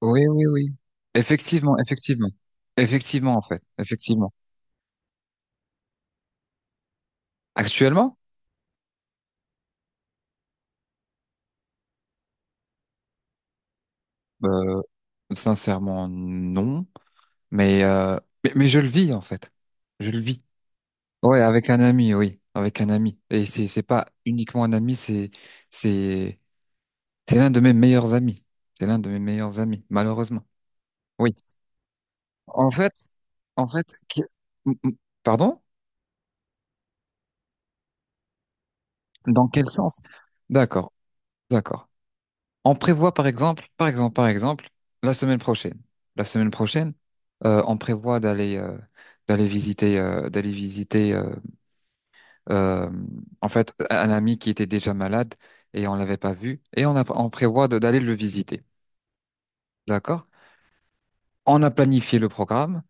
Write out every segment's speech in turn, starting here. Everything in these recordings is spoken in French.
Oui, oui, oui. Effectivement, effectivement. Effectivement, en fait. Effectivement. Actuellement, euh, Sincèrement, non. Mais, euh, mais je le vis, en fait. Je le vis. Ouais, avec un ami, oui. Avec un ami. Et c'est pas uniquement un ami, c'est, c'est l'un de mes meilleurs amis. C'est l'un de mes meilleurs amis, malheureusement. Oui. En fait, en fait, m- m- pardon? Dans quel sens? D'accord, d'accord. On prévoit par exemple, la semaine prochaine. La semaine prochaine, on prévoit d'aller visiter euh, en fait un ami qui était déjà malade et on l'avait pas vu et on prévoit d'aller le visiter. D'accord? On a planifié le programme.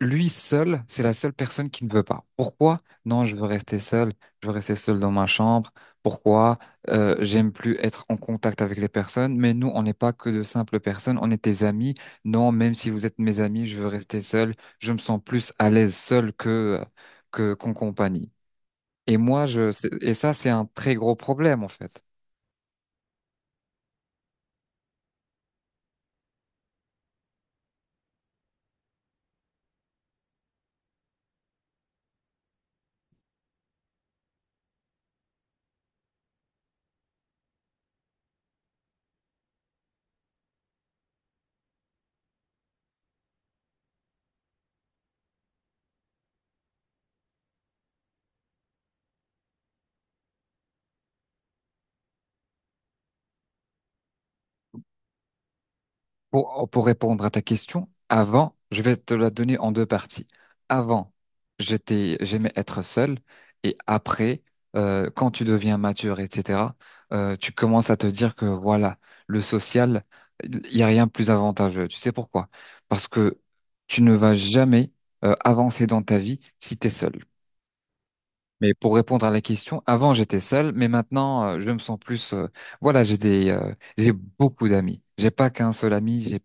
Lui seul, c'est la seule personne qui ne veut pas. Pourquoi? Non, je veux rester seul. Je veux rester seul dans ma chambre. Pourquoi? J'aime plus être en contact avec les personnes. Mais nous, on n'est pas que de simples personnes. On est tes amis. Non, même si vous êtes mes amis, je veux rester seul. Je me sens plus à l'aise seul que qu'en compagnie. Et moi, et ça, c'est un très gros problème en fait. Oh, pour répondre à ta question, avant, je vais te la donner en deux parties. Avant, j'aimais être seul, et après, quand tu deviens mature, etc., tu commences à te dire que voilà, le social, il n'y a rien de plus avantageux. Tu sais pourquoi? Parce que tu ne vas jamais, avancer dans ta vie si tu es seul. Mais pour répondre à la question, avant j'étais seul, mais maintenant je me sens plus. Voilà, j'ai beaucoup d'amis. J'ai pas qu'un seul ami. J'ai,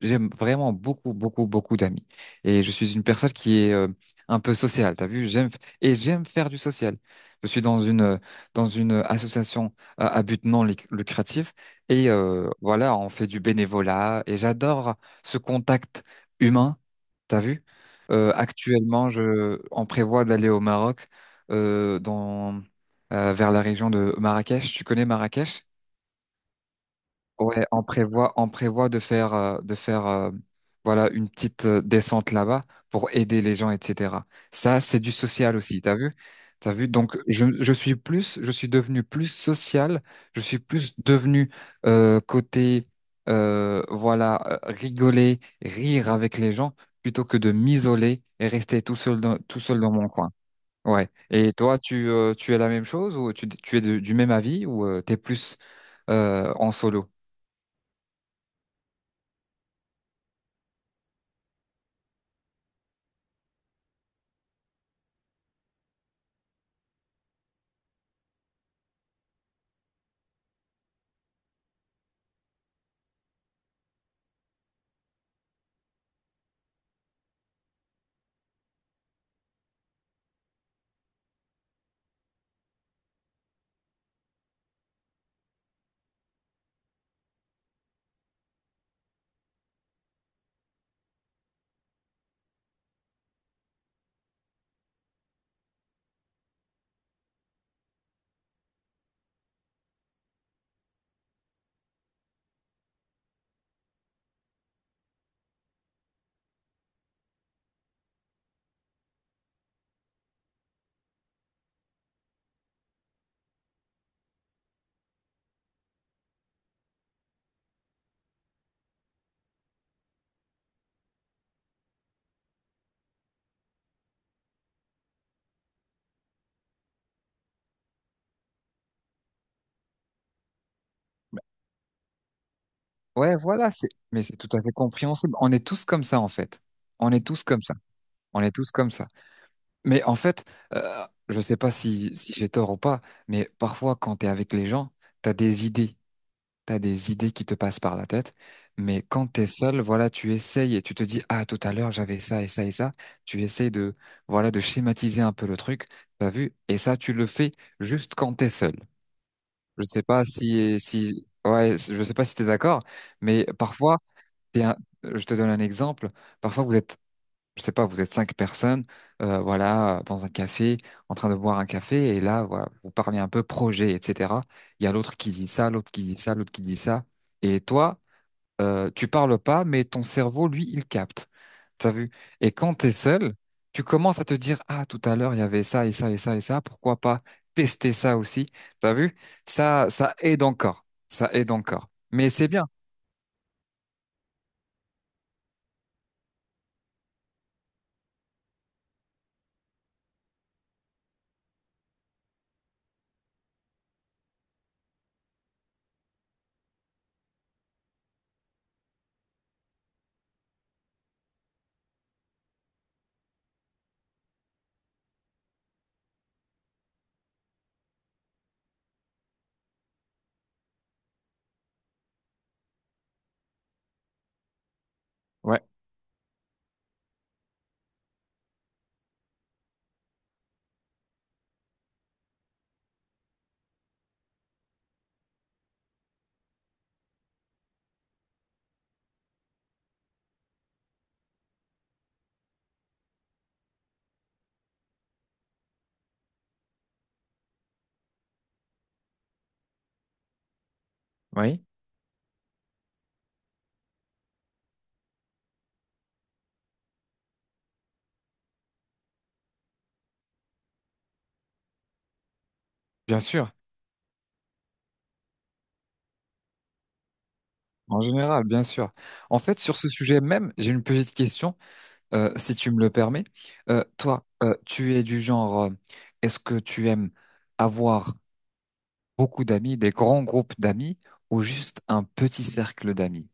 j'ai vraiment beaucoup, beaucoup, beaucoup d'amis. Et je suis une personne qui est un peu sociale. T'as vu? J'aime et j'aime faire du social. Je suis dans une association à but non lucratif et voilà, on fait du bénévolat et j'adore ce contact humain. T'as vu? Actuellement, on prévoit d'aller au Maroc dans vers la région de Marrakech. Tu connais Marrakech? Ouais, on prévoit de faire voilà une petite descente là-bas pour aider les gens, etc. Ça, c'est du social aussi, t'as vu? T'as vu? Donc je suis devenu plus social, je suis plus devenu côté voilà rigoler, rire avec les gens plutôt que de m'isoler et rester tout seul dans mon coin. Ouais. Et toi, tu es la même chose ou tu es du même avis ou t'es plus en solo? Ouais, voilà, mais c'est tout à fait compréhensible. On est tous comme ça, en fait. On est tous comme ça. On est tous comme ça. Mais en fait, je sais pas si j'ai tort ou pas, mais parfois, quand t'es avec les gens, t'as des idées. T'as des idées qui te passent par la tête, mais quand t'es seul, voilà, tu essayes et tu te dis, ah, tout à l'heure, j'avais ça et ça et ça. Tu essayes de schématiser un peu le truc, t'as vu? Et ça, tu le fais juste quand t'es seul. Je sais pas si, ouais, je sais pas si t'es d'accord, mais parfois, t'es un- je te donne un exemple. Parfois, vous êtes je sais pas, vous êtes cinq personnes, voilà, dans un café, en train de boire un café, et là, voilà, vous parlez un peu projet, etc. Il y a l'autre qui dit ça, l'autre qui dit ça, l'autre qui dit ça, et toi, tu parles pas, mais ton cerveau, lui, il capte. T'as vu? Et quand t'es seul, tu commences à te dire, ah, tout à l'heure, il y avait ça et ça et ça et ça, pourquoi pas tester ça aussi? T'as vu? Ça aide encore. Ça aide encore. Mais c'est bien. Ouais, oui, bien sûr. En général, bien sûr. En fait, sur ce sujet même, j'ai une petite question, si tu me le permets. Toi, tu es du genre, est-ce que tu aimes avoir beaucoup d'amis, des grands groupes d'amis, ou juste un petit cercle d'amis?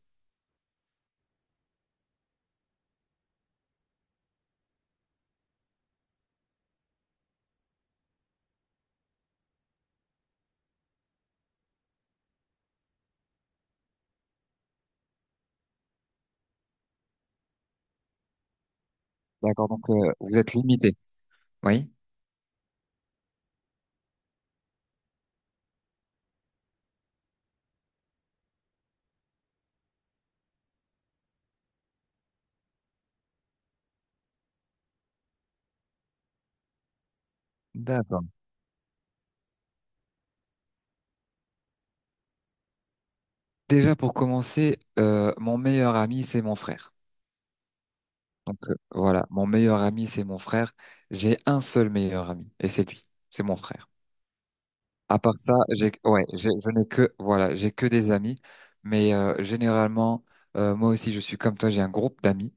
D'accord, donc vous êtes limité. Oui. D'accord. Déjà pour commencer, mon meilleur ami, c'est mon frère. Donc voilà, mon meilleur ami, c'est mon frère. J'ai un seul meilleur ami, et c'est lui, c'est mon frère. À part ça, ouais, je n'ai que, voilà, j'ai que des amis. Mais généralement, moi aussi, je suis comme toi, j'ai un groupe d'amis.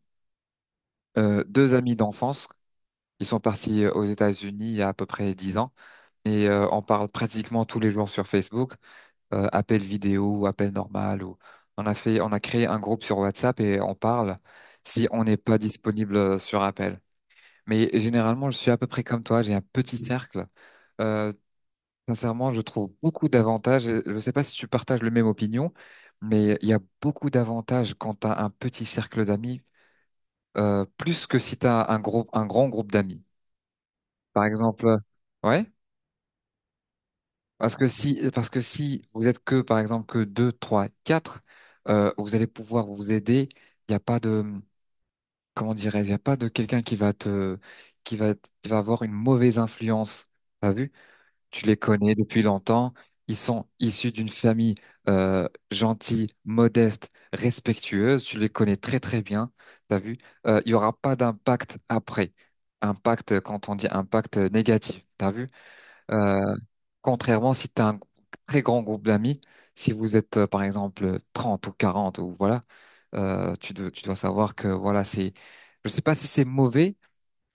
Deux amis d'enfance, ils sont partis aux États-Unis il y a à peu près 10 ans. Et on parle pratiquement tous les jours sur Facebook, appel vidéo ou appel normal. Ou... on a créé un groupe sur WhatsApp et on parle si on n'est pas disponible sur appel. Mais généralement, je suis à peu près comme toi, j'ai un petit cercle. Euh, Sincèrement, je trouve beaucoup d'avantages. Je ne sais pas si tu partages le même opinion, mais il y a beaucoup d'avantages quand tu as un petit cercle d'amis, plus que si tu as un gros, un grand groupe d'amis. Par exemple, ouais, parce que si vous êtes que, par exemple, que deux, trois, quatre, vous allez pouvoir vous aider. Il n'y a pas de, comment dirais-je, il n'y a pas de quelqu'un qui va te, qui va avoir une mauvaise influence. T'as vu? Tu les connais depuis longtemps. Ils sont issus d'une famille gentille, modeste, respectueuse. Tu les connais très très bien. T'as vu? Il y aura pas d'impact après. Impact, quand on dit impact négatif, t'as vu? Euh, Contrairement si t'as un très grand groupe d'amis, si vous êtes par exemple 30 ou 40 ou voilà, tu dois savoir que voilà, je sais pas si c'est mauvais,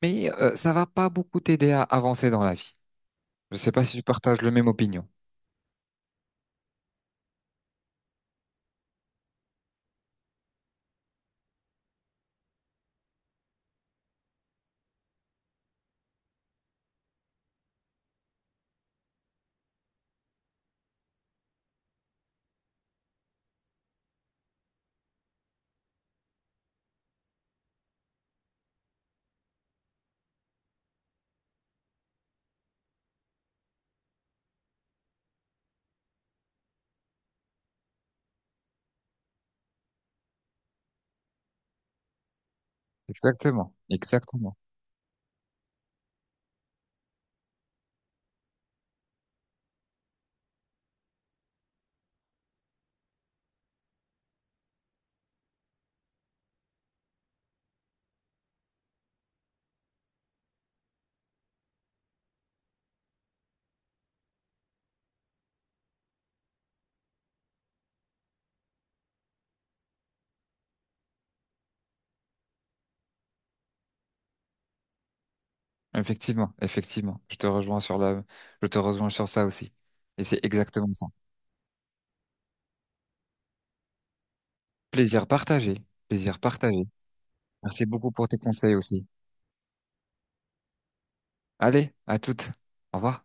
mais ça va pas beaucoup t'aider à avancer dans la vie. Je sais pas si tu partages le même opinion. Exactement, exactement. Effectivement, effectivement. Je te rejoins sur ça aussi. Et c'est exactement ça. Plaisir partagé, plaisir partagé. Merci beaucoup pour tes conseils aussi. Allez, à toutes. Au revoir.